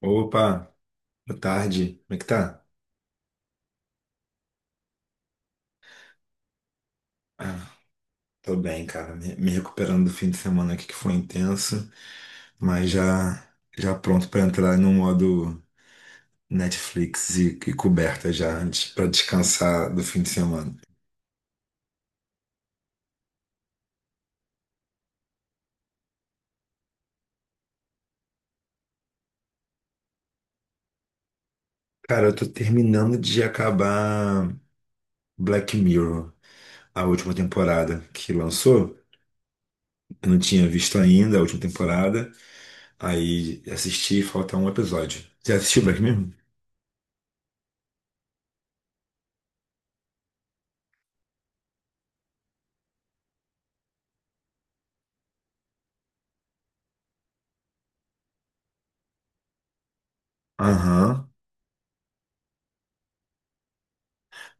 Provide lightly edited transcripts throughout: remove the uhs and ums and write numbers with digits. Opa, boa tarde. Como é que tá? Ah, tô bem, cara. Me recuperando do fim de semana aqui que foi intenso, mas já já pronto pra entrar no modo Netflix e coberta já antes para descansar do fim de semana. Cara, eu tô terminando de acabar Black Mirror, a última temporada que lançou. Eu não tinha visto ainda a última temporada, aí assisti, falta um episódio. Já assistiu Black Mirror? Aham.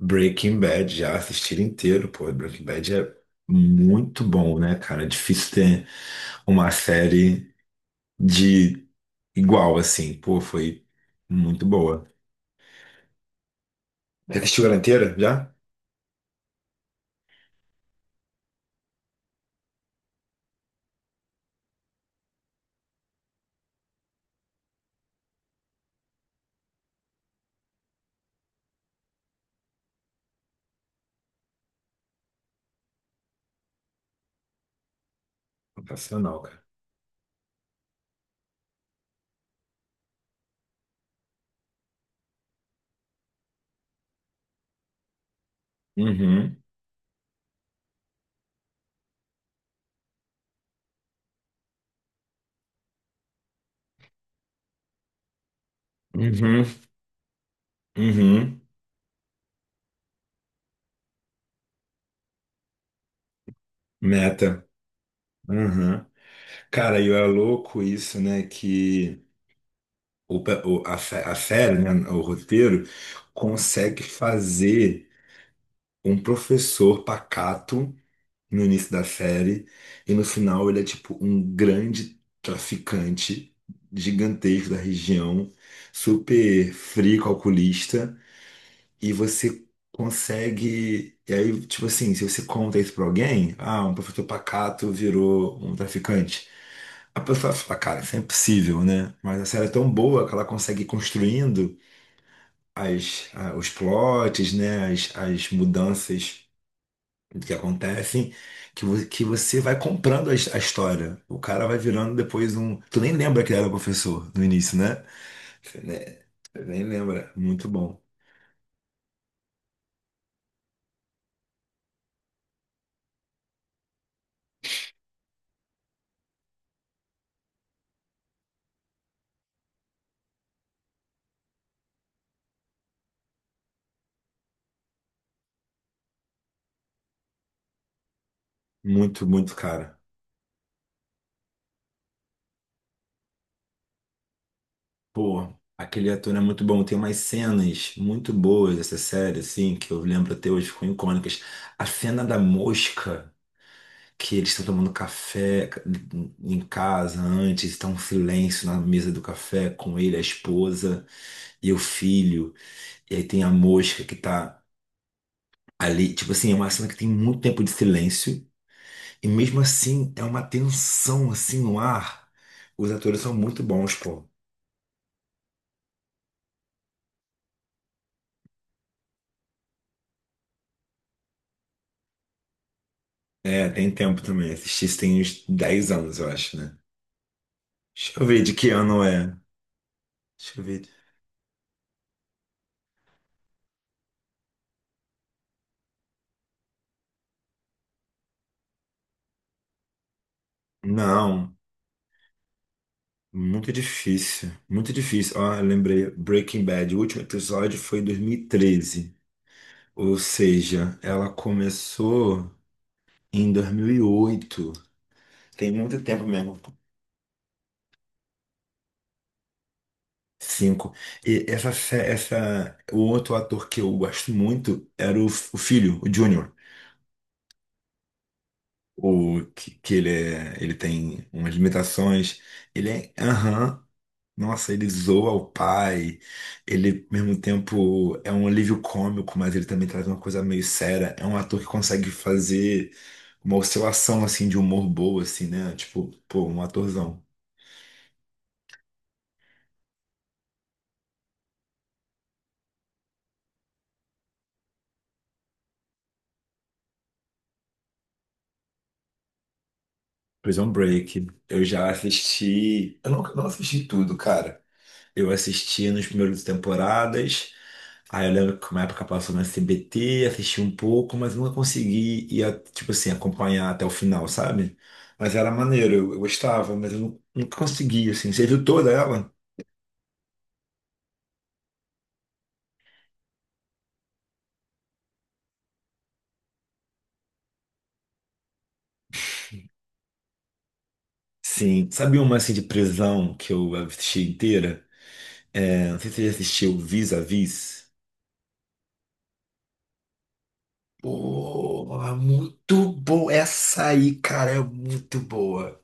Breaking Bad, já assisti inteiro, pô. Breaking Bad é muito bom, né, cara? É difícil ter uma série de igual, assim. Pô, foi muito boa. Já assistiu ela inteira? Já? Sensacional, cara. Uhum, uhum, uhum. Meta. Uhum. Cara, e é louco isso, né? Que o, pe- o- a, sé- a série, né, o roteiro, consegue fazer um professor pacato no início da série, e no final ele é tipo um grande traficante gigantesco da região, super frio, calculista, e você consegue. E aí, tipo assim, se você conta isso pra alguém, ah, um professor pacato virou um traficante. A pessoa fala, cara, isso é impossível, né? Mas a série é tão boa que ela consegue ir construindo os plots, né? As mudanças, o que acontece, que que você vai comprando a história. O cara vai virando depois um. Tu nem lembra que ele era professor no início, né? Você ne- você nem lembra. Muito bom. Muito, muito, cara. Pô, aquele ator é muito bom. Tem umas cenas muito boas dessa série, assim, que eu lembro até hoje, ficam icônicas. A cena da mosca. Que eles estão tomando café em casa antes, está um silêncio na mesa do café com ele, a esposa e o filho. E aí tem a mosca que tá ali. Tipo assim, é uma cena que tem muito tempo de silêncio. E mesmo assim, é uma tensão assim no ar. Os atores são muito bons, pô. É, tem tempo também. Assisti isso tem uns 10 anos, eu acho, né? Deixa eu ver de que ano é. Deixa eu ver. Não, muito difícil. Muito difícil. Ó, eu lembrei. Breaking Bad, o último episódio foi em 2013. Ou seja, ela começou em 2008. Tem muito tempo mesmo. Cinco. E essa, o outro ator que eu gosto muito era o filho, o Júnior. O que, que ele é, ele tem umas limitações. Ele é, aham, nossa, ele zoa o pai. Ele, ao mesmo tempo, é um alívio cômico, mas ele também traz uma coisa meio séria. É um ator que consegue fazer uma oscilação, assim, de humor boa, assim, né? Tipo, pô, um atorzão. Prison Break. Eu já assisti. Eu não assisti tudo, cara. Eu assisti nos primeiros temporadas. Aí eu lembro que uma época passou na CBT, assisti um pouco, mas nunca consegui ir, tipo assim, acompanhar até o final, sabe? Mas era maneiro, eu gostava, mas eu nunca consegui, assim. Você viu toda ela? Sim. Sabe uma, assim, de prisão que eu assisti inteira? É, não sei se você já assistiu Vis-a-Vis. Pô, muito boa. Essa aí, cara, é muito boa.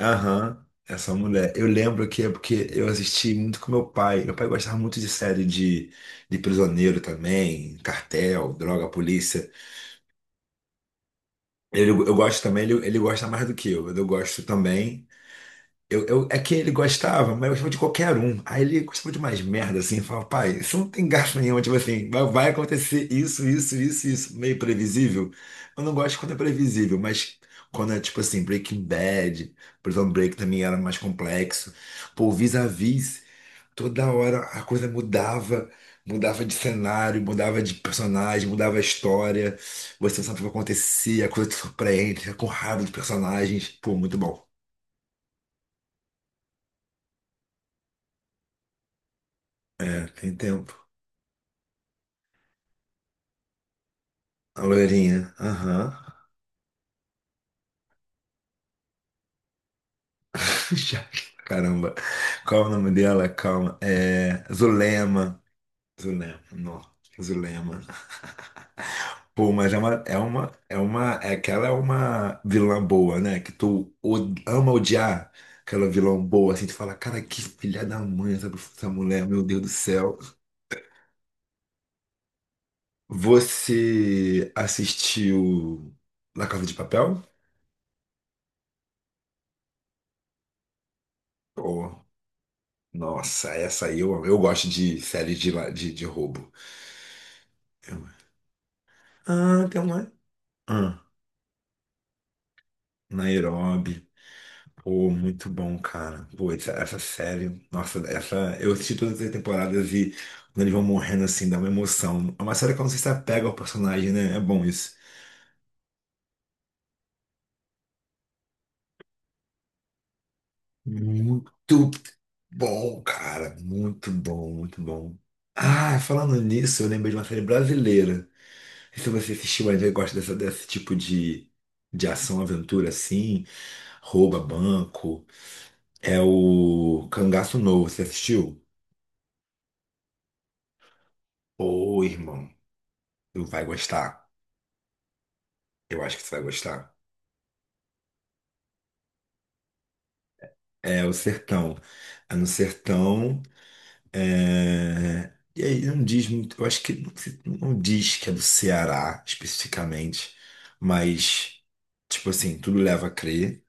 Aham, essa mulher. Eu lembro que é porque eu assisti muito com meu pai. Meu pai gostava muito de série de prisioneiro também, cartel, droga, polícia. Ele, eu gosto também, ele gosta mais do que eu. Eu gosto também. É que ele gostava, mas eu gostava de qualquer um. Aí ele gostava de mais merda, assim, falava, pai, isso não tem gasto nenhum, tipo assim, vai, vai acontecer isso, isso, isso, isso, meio previsível. Eu não gosto quando é previsível, mas quando é tipo assim, Breaking Bad, Prison Break também era mais complexo. Pô, Vis-a-Vis, toda hora a coisa mudava, mudava de cenário, mudava de personagem, mudava a história. Você não sabe o que vai acontecer, a coisa te surpreende, fica com raiva dos personagens. Pô, muito bom, né? Tem tempo. A loirinha. Aham. Já- Caramba. Qual é o nome dela? Calma. É Zulema. Zulema. Não. Zulema. Pô, mas é que ela é uma vilã boa, né? Que tu ama odiar aquela vilã boa, assim, tu fala, cara, que filha da mãe essa, essa mulher, meu Deus do céu. Você assistiu La Casa de Papel? Pô, nossa, essa aí eu gosto de série de roubo. Ah, tem uma. Ah, Nairobi. Pô, muito bom, cara. Pô, essa série. Nossa, essa. Eu assisti todas as temporadas e quando eles vão morrendo assim, dá uma emoção. É uma série que eu não sei se apega ao personagem, né? É bom isso. Muito bom, cara. Muito bom, muito bom. Ah, falando nisso, eu lembrei de uma série brasileira. Não sei se você assistiu ainda e gosta desse tipo de ação, aventura assim, rouba banco. É o Cangaço Novo, você assistiu? Ô, irmão, tu vai gostar. Eu acho que você vai gostar. É o Sertão. É no Sertão. É... E aí não diz muito. Eu acho que não, não diz que é do Ceará especificamente, mas tipo assim, tudo leva a crer.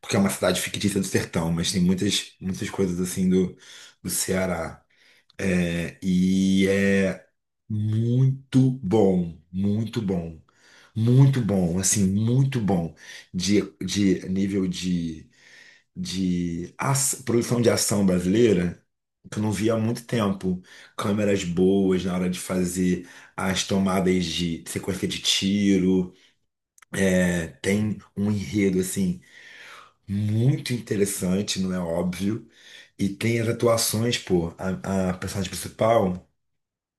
Porque é uma cidade fictícia do sertão, mas tem muitas, muitas coisas assim do, do Ceará. É, e é muito bom, muito bom. Muito bom, assim, muito bom de nível de produção de ação brasileira, que eu não via há muito tempo. Câmeras boas na hora de fazer as tomadas de sequência de tiro. É, tem um enredo, assim, muito interessante, não é óbvio. E tem as atuações, pô, a personagem principal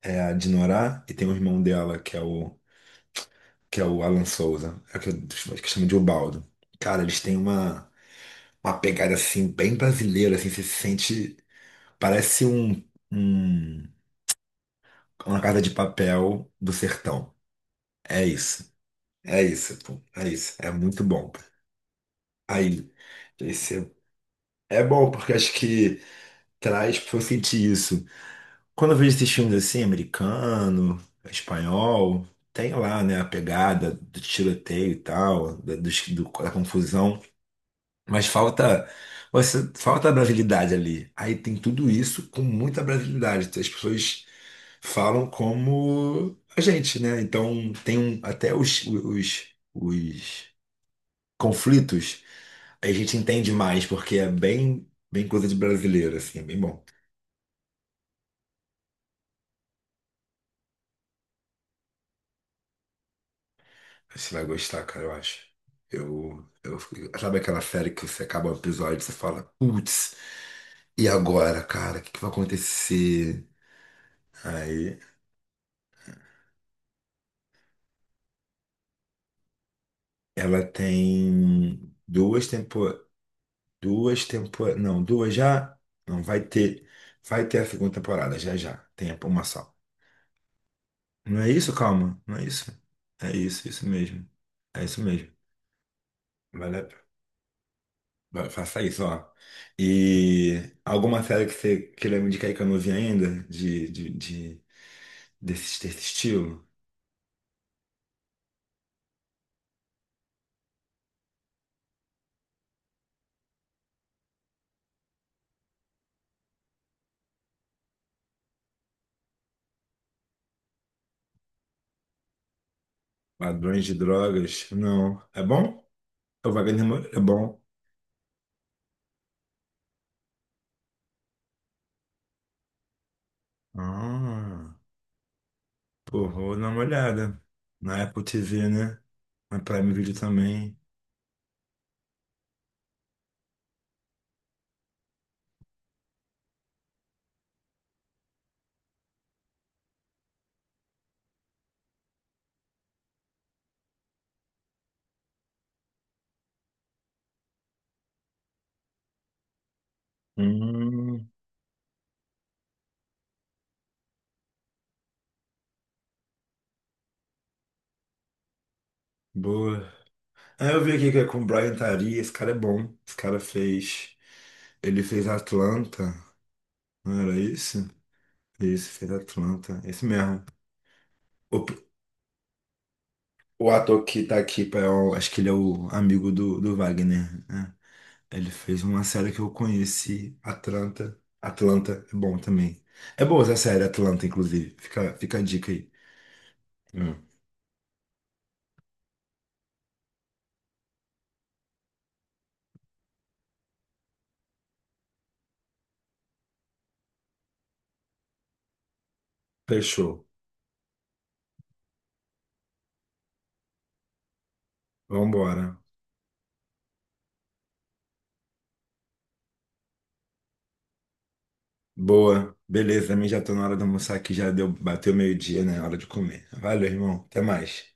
é a Dinorah, e tem o irmão dela, que é o Alan Souza, é o que, que chama de Ubaldo. Cara, eles têm uma pegada assim, bem brasileira, assim, você se sente. Parece um- uma casa de papel do sertão. É isso, é isso, pô, é isso, é muito bom. Aí, esse é bom, porque acho que traz pra eu sentir isso. Quando eu vejo esses filmes assim, americano, espanhol, tem lá, né, a pegada do tiroteio e tal, da confusão. Mas falta, falta a brasilidade ali. Aí tem tudo isso com muita brasilidade. As pessoas falam como a gente, né? Então tem até os conflitos a gente entende mais, porque é bem, bem coisa de brasileiro, assim, é bem bom. Você vai gostar, cara, eu acho. Eu, eu, sabe aquela série que você acaba o episódio e você fala, putz, e agora, cara, o que que vai acontecer? Aí ela tem não, duas já, não vai ter, vai ter a segunda temporada já já, tem uma só. Não é isso, calma, não é isso. É isso, isso mesmo. É isso mesmo. Vale, faça isso, ó. E alguma série que você queira me indicar aí que eu não vi ainda desse, desse estilo? Ladrões de drogas? Não. É bom? O Wagner Moura é bom. Ah. Pô, vou dar uma olhada. Na Apple TV, né? Na Prime Video também. Hum, boa. Ah, eu vi aqui que é com o Brian Tari. Esse cara é bom. Esse cara fez. Ele fez Atlanta. Não era isso? Isso, fez Atlanta. Esse mesmo. O, o ator que tá aqui, pá, é acho que ele é o amigo do, do Wagner, né? Ele fez uma série que eu conheci, Atlanta. Atlanta é bom também. É boa essa série, Atlanta, inclusive. Fica a dica aí. Hum. Fechou. Vambora. Boa. Beleza, a já tô na hora de almoçar aqui, já deu, bateu meio-dia, né? Hora de comer. Valeu, irmão. Até mais.